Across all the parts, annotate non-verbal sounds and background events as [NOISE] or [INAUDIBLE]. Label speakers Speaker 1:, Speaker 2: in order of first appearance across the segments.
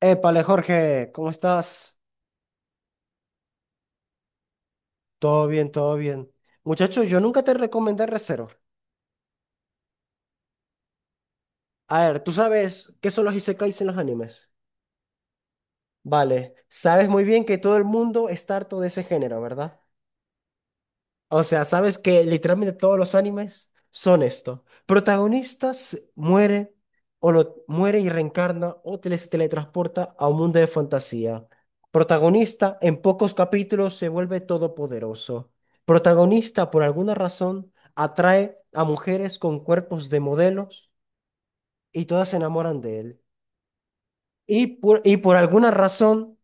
Speaker 1: Épale, Jorge, ¿cómo estás? Todo bien, todo bien. Muchacho, yo nunca te recomendé Re:Zero. A ver, ¿tú sabes qué son los isekais en los animes? Vale, sabes muy bien que todo el mundo está harto de ese género, ¿verdad? O sea, sabes que literalmente todos los animes son esto. Protagonistas muere o lo muere y reencarna o se teletransporta a un mundo de fantasía. Protagonista en pocos capítulos se vuelve todopoderoso. Protagonista por alguna razón atrae a mujeres con cuerpos de modelos y todas se enamoran de él. Y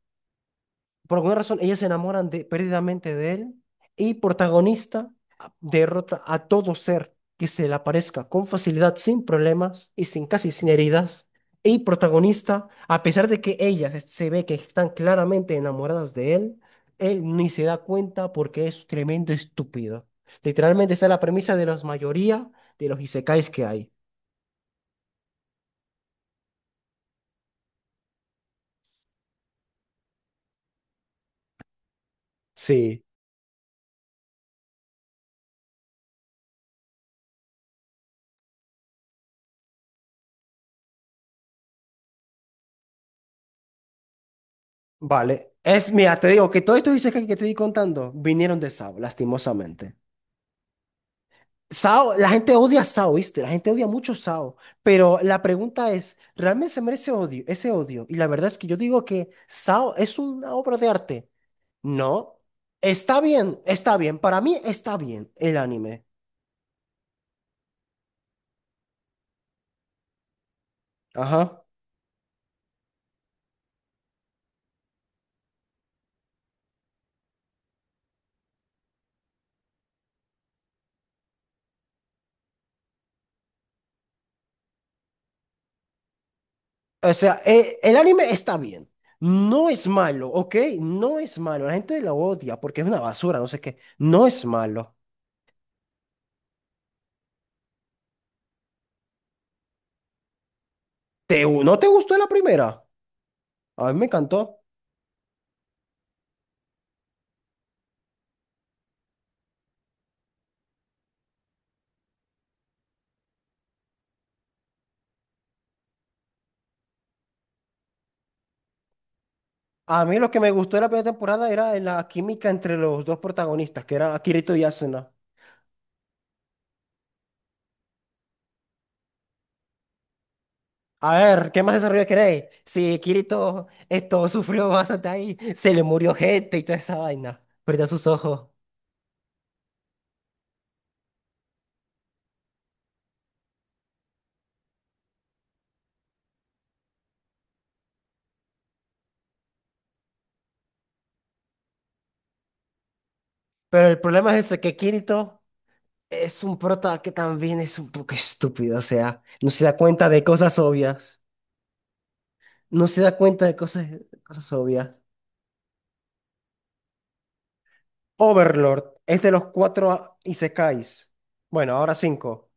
Speaker 1: por alguna razón, ellas se enamoran de, perdidamente de él y protagonista derrota a todo ser que se le aparezca con facilidad, sin problemas y sin casi sin heridas. Y protagonista, a pesar de que se ve que están claramente enamoradas de él, él ni se da cuenta porque es tremendo estúpido. Literalmente esa es la premisa de la mayoría de los isekais que hay. Sí, vale. Es, mira, te digo que todos estos isekais que te estoy contando vinieron de Sao, lastimosamente. Sao, la gente odia a Sao, ¿viste? La gente odia mucho a Sao. Pero la pregunta es, ¿realmente se merece odio, ese odio? Y la verdad es que yo digo que Sao es una obra de arte. No. Está bien, está bien. Para mí está bien el anime. Ajá. O sea, el anime está bien. No es malo, ¿ok? No es malo. La gente lo odia porque es una basura, no sé qué. No es malo. ¿Te, no te gustó la primera? A mí me encantó. A mí lo que me gustó de la primera temporada era la química entre los dos protagonistas, que era Kirito y Asuna. A ver, ¿qué más desarrollo queréis? Si Kirito esto sufrió bastante ahí, se le murió gente y toda esa vaina, perdió sus ojos. Pero el problema es ese, que Kirito es un prota que también es un poco estúpido, o sea, no se da cuenta de cosas obvias, no se da cuenta de cosas, cosas obvias. Overlord es de los Isekais, bueno, ahora cinco.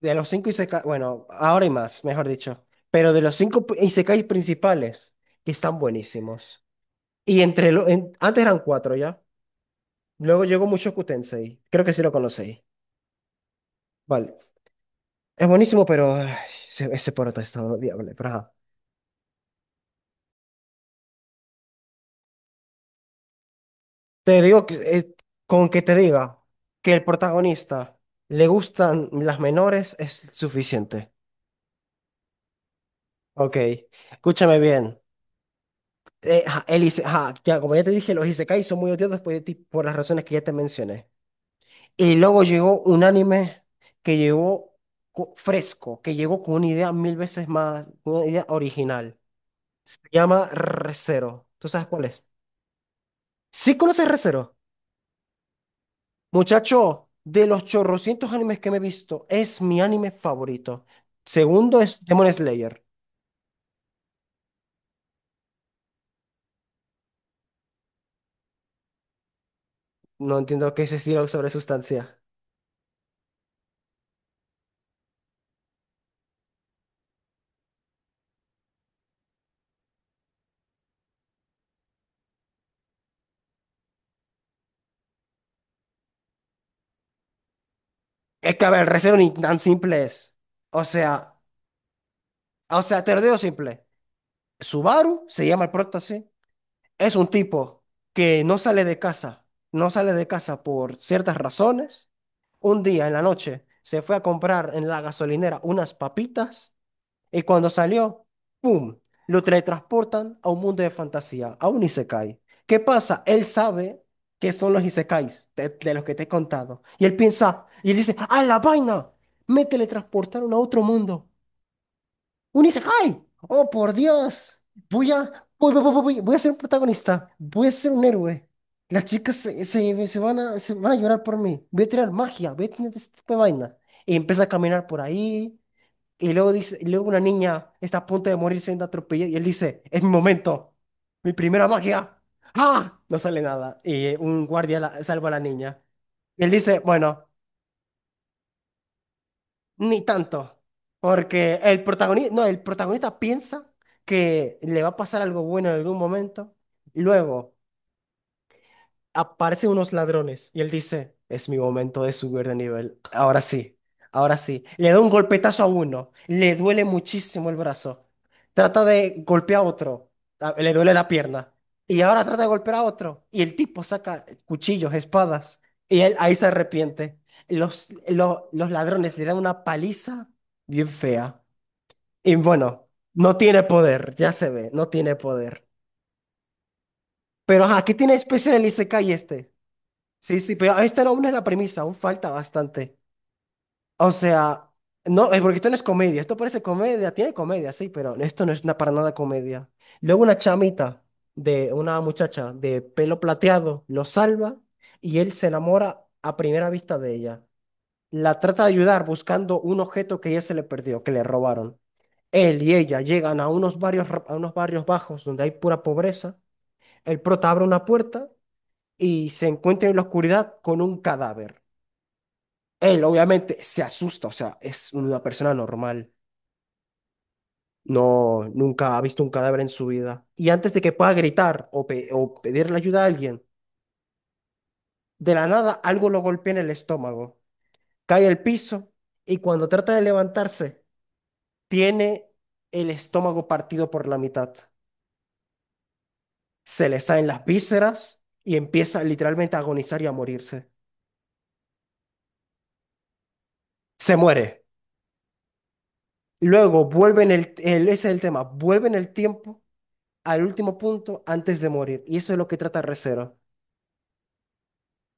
Speaker 1: De los cinco Isekai, bueno, ahora hay más, mejor dicho. Pero de los Isekais principales, que están buenísimos. Y entre antes eran cuatro ya. Luego llegó Mushoku Tensei. Creo que sí lo conocéis. Vale. Es buenísimo, pero ay, ese prota está odiable. Pero ajá. Te digo que, con que te diga que el protagonista le gustan las menores es suficiente. Ok. Escúchame bien. Ajá, ya, como ya te dije, los Isekais son muy odiados por las razones que ya te mencioné. Y luego llegó un anime que llegó fresco, que llegó con una idea mil veces más, con una idea original. Se llama Re:Zero. ¿Tú sabes cuál es? ¿Sí conoces Re:Zero? Muchacho, de los chorrocientos animes que me he visto, es mi anime favorito. Segundo es Demon Slayer. No entiendo qué es ese diálogo sobre sustancia. Es que, a ver, Re:Zero ni tan simple es. O sea, o sea, te lo digo simple. Subaru se llama el prota, sí. Es un tipo que no sale de casa, no sale de casa por ciertas razones. Un día en la noche se fue a comprar en la gasolinera unas papitas y cuando salió, ¡pum! Lo teletransportan a un mundo de fantasía, a un isekai. ¿Qué pasa? Él sabe que son los isekais de los que te he contado. Y él piensa, y él dice, ¡ah, la vaina! Me teletransportaron a otro mundo. Un Isekai. Oh, por Dios. Voy a, voy a ser un protagonista. Voy a ser un héroe. Las chicas se van a llorar por mí. Voy a tirar magia. Voy a tener este tipo de vaina. Y empieza a caminar por ahí. Y luego dice, y luego una niña está a punto de morir siendo atropellada. Y él dice, es mi momento. Mi primera magia. ¡Ah! No sale nada. Y un guardia salva a la niña. Y él dice, bueno. Ni tanto, porque el protagonista, no, el protagonista piensa que le va a pasar algo bueno en algún momento, y luego aparecen unos ladrones y él dice, es mi momento de subir de nivel. Ahora sí, ahora sí. Le da un golpetazo a uno, le duele muchísimo el brazo. Trata de golpear a otro, ah, le duele la pierna. Y ahora trata de golpear a otro. Y el tipo saca cuchillos, espadas. Y él ahí se arrepiente. Los ladrones le dan una paliza bien fea. Y bueno, no tiene poder, ya se ve, no tiene poder. Pero ajá, ¿qué tiene especial el Isekai este? Sí, sí, pero esta aún es la premisa, aún falta bastante. O sea, no, porque esto no es comedia, esto parece comedia, tiene comedia, sí, pero esto no es una, para nada comedia. Luego una muchacha de pelo plateado lo salva y él se enamora a primera vista de ella. La trata de ayudar buscando un objeto que ella se le perdió, que le robaron. Él y ella llegan a a unos barrios bajos donde hay pura pobreza. El prota abre una puerta y se encuentra en la oscuridad con un cadáver. Él obviamente se asusta, o sea, es una persona normal. No, nunca ha visto un cadáver en su vida. Y antes de que pueda gritar o pedirle ayuda a alguien, de la nada algo lo golpea en el estómago. Cae al piso y cuando trata de levantarse, tiene el estómago partido por la mitad. Se le salen las vísceras y empieza literalmente a agonizar y a morirse. Se muere. Luego vuelve en ese es el tema, vuelve en el tiempo al último punto antes de morir. Y eso es lo que trata Recero.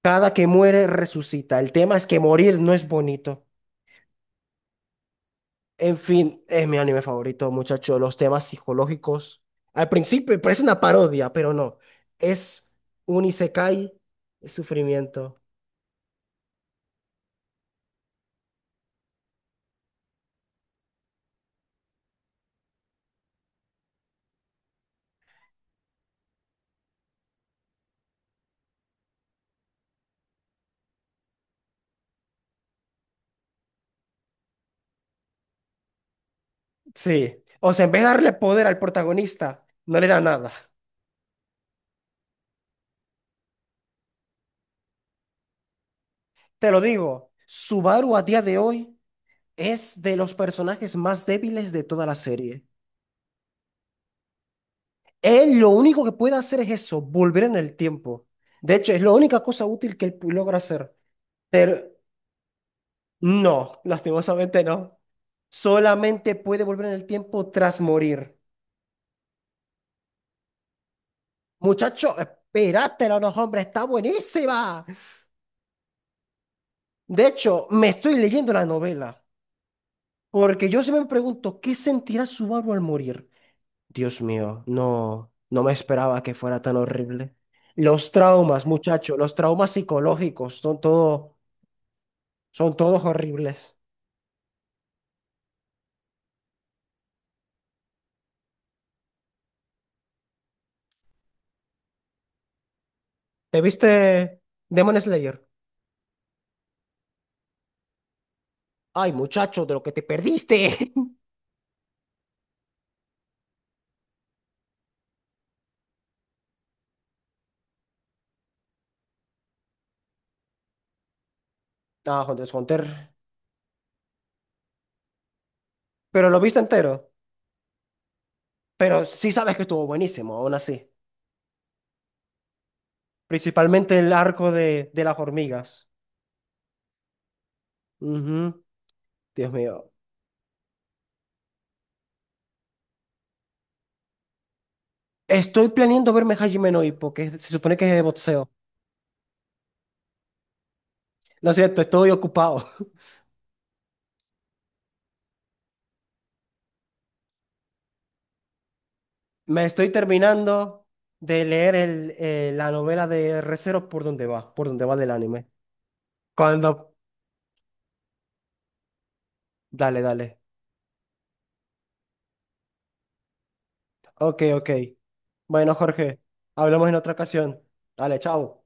Speaker 1: Cada que muere, resucita. El tema es que morir no es bonito. En fin, es mi anime favorito, muchacho. Los temas psicológicos. Al principio parece una parodia, pero no. Es un isekai, es sufrimiento. Sí. O sea, en vez de darle poder al protagonista, no le da nada. Te lo digo, Subaru a día de hoy es de los personajes más débiles de toda la serie. Él lo único que puede hacer es eso, volver en el tiempo. De hecho, es la única cosa útil que él logra hacer. Pero no, lastimosamente no. Solamente puede volver en el tiempo tras morir. Muchacho, espérátela, no, no, hombre, está buenísima. De hecho, me estoy leyendo la novela. Porque yo siempre me pregunto, ¿qué sentirá Subaru al morir? Dios mío, no me esperaba que fuera tan horrible. Los traumas, muchacho, los traumas psicológicos, son todo. Son todos horribles. ¿Te viste Demon Slayer? Ay, muchacho, de lo que te perdiste. [LAUGHS] Ah, Hunter x Hunter. Pero lo viste entero. Pero sí sabes que estuvo buenísimo, aún así. Principalmente el arco de las hormigas. Ujú. Dios mío. Estoy planeando verme Hajime no Ippo, que se supone que es de boxeo. Lo siento, estoy ocupado. [LAUGHS] Me estoy terminando de leer la novela de Re:Zero por donde va del anime. Cuando... Dale, dale. Ok, ok. Bueno, Jorge, hablamos en otra ocasión. Dale, chao.